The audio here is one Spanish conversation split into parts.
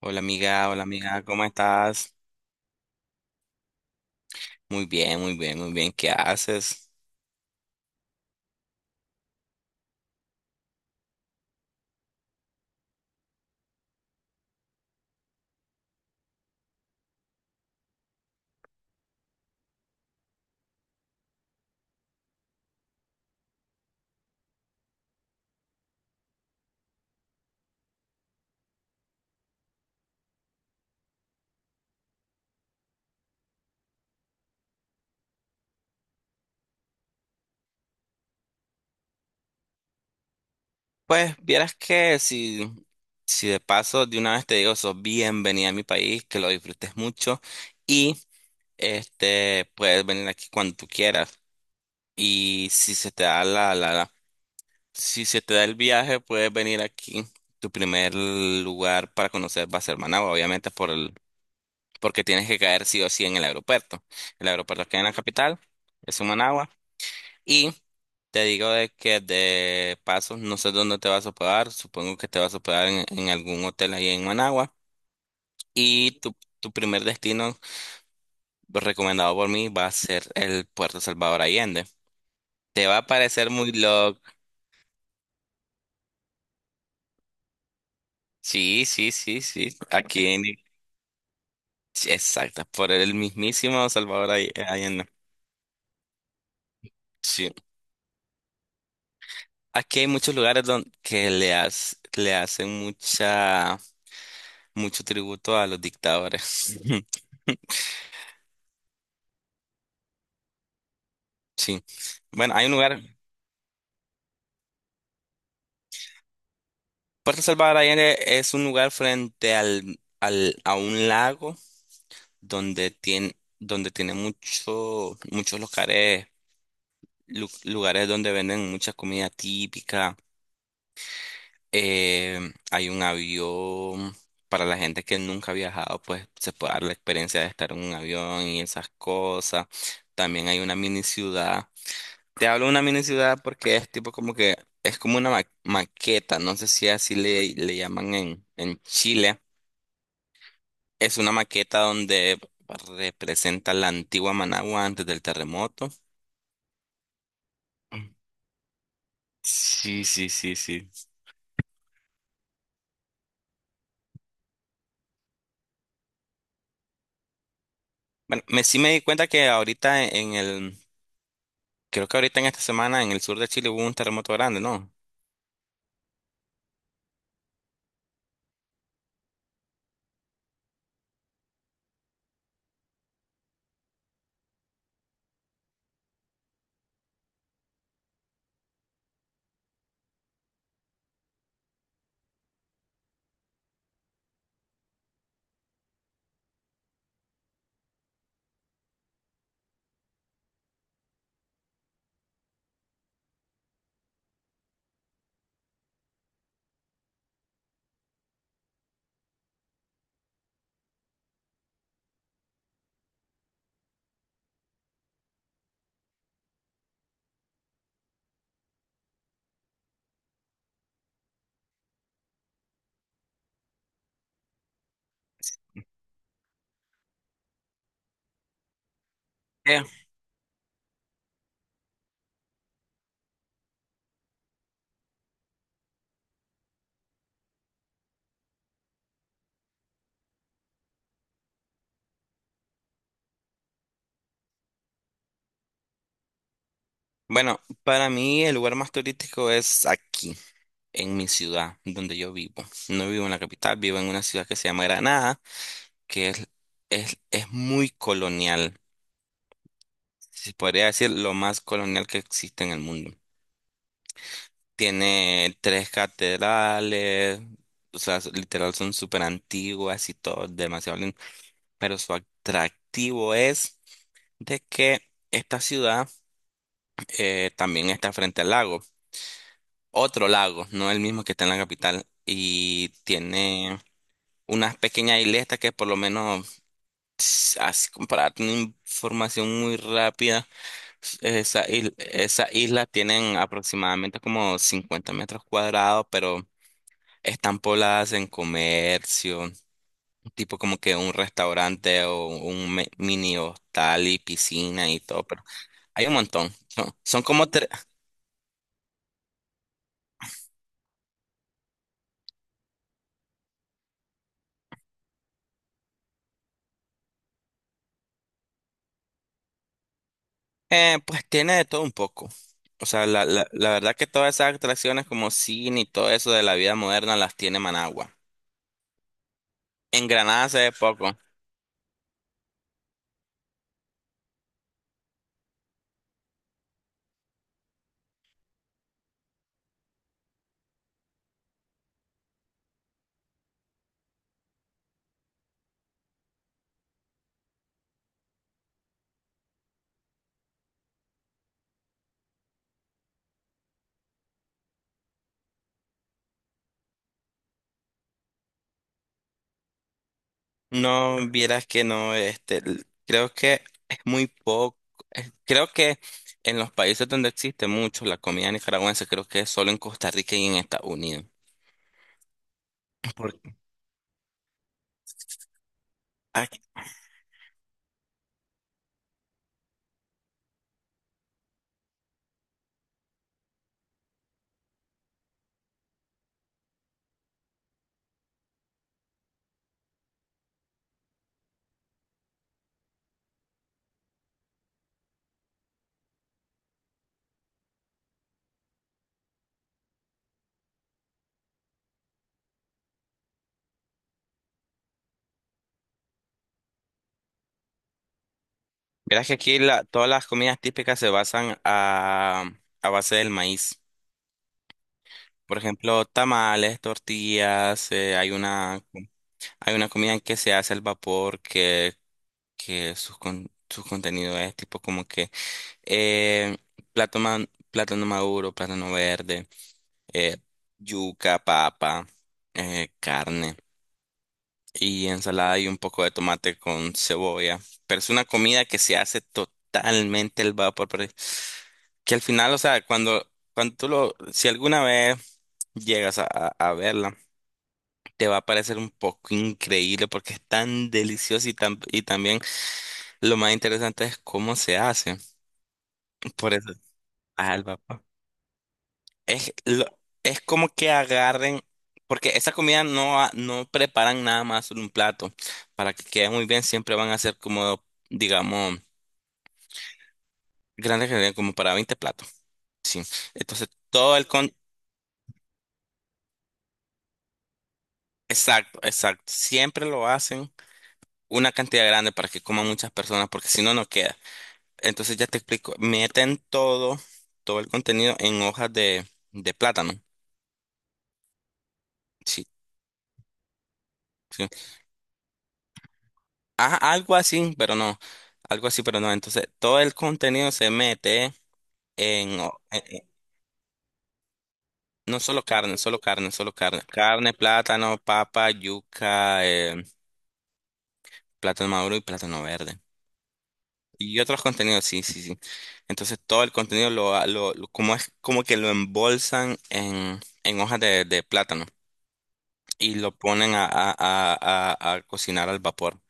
Hola amiga, ¿cómo estás? Muy bien, muy bien, muy bien, ¿qué haces? Pues vieras que si, si de paso de una vez te digo, sos bienvenida a mi país, que lo disfrutes mucho y puedes venir aquí cuando tú quieras. Y si se te da si se te da el viaje, puedes venir aquí. Tu primer lugar para conocer va a ser Managua, obviamente porque tienes que caer sí o sí en el aeropuerto. El aeropuerto que hay en la capital es en Managua. Te digo de que de pasos no sé dónde te vas a hospedar, supongo que te vas a hospedar en algún hotel ahí en Managua. Y tu primer destino, recomendado por mí, va a ser el Puerto Salvador Allende. Te va a parecer muy loco. Sí, sí, sí, sí. Aquí en... Sí, exacto, por el mismísimo Salvador Allende. Sí. Aquí hay muchos lugares donde que le hacen mucha, mucho tributo a los dictadores. Sí. Bueno, hay un lugar. Puerto Salvador Allende es un lugar frente a un lago donde tiene muchos lugares, lugares donde venden mucha comida típica. Hay un avión para la gente que nunca ha viajado, pues se puede dar la experiencia de estar en un avión y esas cosas. También hay una mini ciudad. Te hablo de una mini ciudad porque es como una maqueta, no sé si así le llaman en Chile. Es una maqueta donde representa la antigua Managua antes del terremoto. Sí, sí, sí, sí. Bueno, sí me di cuenta que ahorita creo que ahorita en esta semana en el sur de Chile hubo un terremoto grande, ¿no? Eh, Bueno, para mí el lugar más turístico es aquí, en mi ciudad, donde yo vivo. No vivo en la capital, vivo en una ciudad que se llama Granada, que es muy colonial. Se podría decir lo más colonial que existe en el mundo. Tiene 3 catedrales, o sea, literal son súper antiguas y todo, demasiado lindo. Pero su atractivo es de que esta ciudad también está frente al lago, otro lago, no el mismo que está en la capital, y tiene unas pequeñas isletas que por lo menos, así como para tener información muy rápida, esas islas tienen aproximadamente como 50 metros cuadrados, pero están pobladas en comercio, tipo como que un restaurante o un mini hostal y piscina y todo, pero hay un montón. Son como 3. Pues tiene de todo un poco. O sea, la verdad que todas esas atracciones como cine y todo eso de la vida moderna las tiene Managua. En Granada se ve poco. No, vieras que no, creo que es muy poco, creo que en los países donde existe mucho la comida nicaragüense, creo que es solo en Costa Rica y en Estados Unidos. Por- aquí- Vieras que aquí todas las comidas típicas se basan a base del maíz. Por ejemplo, tamales, tortillas, hay una comida que se hace al vapor que su contenido es tipo como que eh, plátano, plátano maduro, plátano verde, eh, yuca, papa, carne y ensalada y un poco de tomate con cebolla. Pero es una comida que se hace totalmente al vapor, pero que al final, o sea, cuando si alguna vez llegas a verla, te va a parecer un poco increíble porque es tan delicioso y, tan, y también lo más interesante es cómo se hace. Por eso, al vapor. Es, lo- es como que agarren, porque esa comida no preparan nada más en un plato. Para que quede muy bien, siempre van a ser como, digamos, grandes cantidades, como para 20 platos. Sí. Entonces, todo el con... Exacto, exacto. Siempre lo hacen una cantidad grande para que coman muchas personas, porque si no, no queda. Entonces, ya te explico. Meten todo, todo el contenido en hojas de plátano. Sí, sí. Ah, algo así, pero no. Algo así, pero no. Entonces, todo el contenido se mete en, o- en- en- no solo carne, solo carne, solo carne. Carne, plátano, papa, yuca, plátano maduro y plátano verde. Y otros contenidos, sí, sí, sí. Entonces, todo el contenido lo, ha- lo- como es como que lo embolsan en hojas de plátano y lo ponen a cocinar al vapor.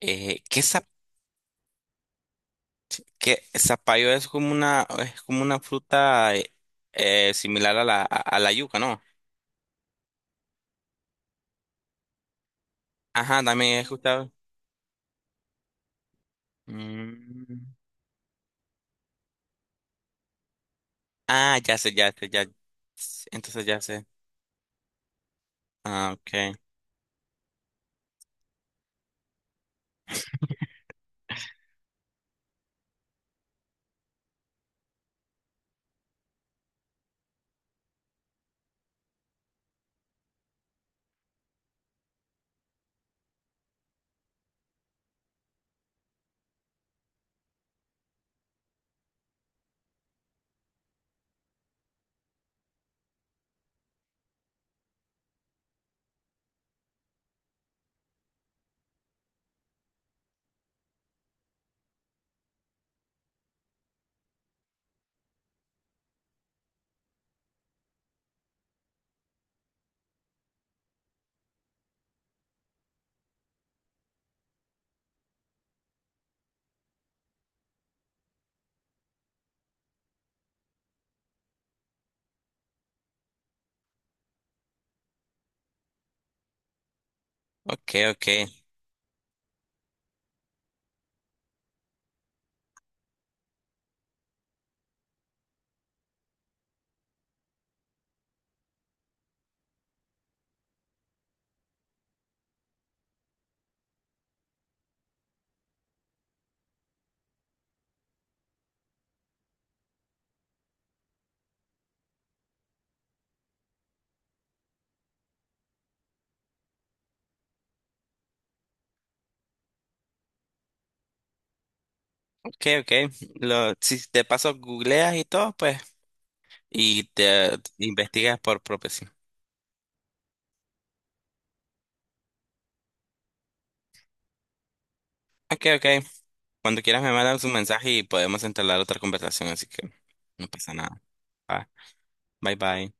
¿Qué, que zapallo es como una fruta similar a la yuca, ¿no? Ajá, también he escuchado. Mm. Ah, ya sé, ya sé, ya. Entonces ya sé. Ah, ok. Ok, ok. Ok, ok. Si te paso googleas y todo, pues, y te investigas por propio sí. Ok, ok. Cuando quieras me mandas un mensaje y podemos entablar otra conversación, así que no pasa nada. Va. Bye, bye.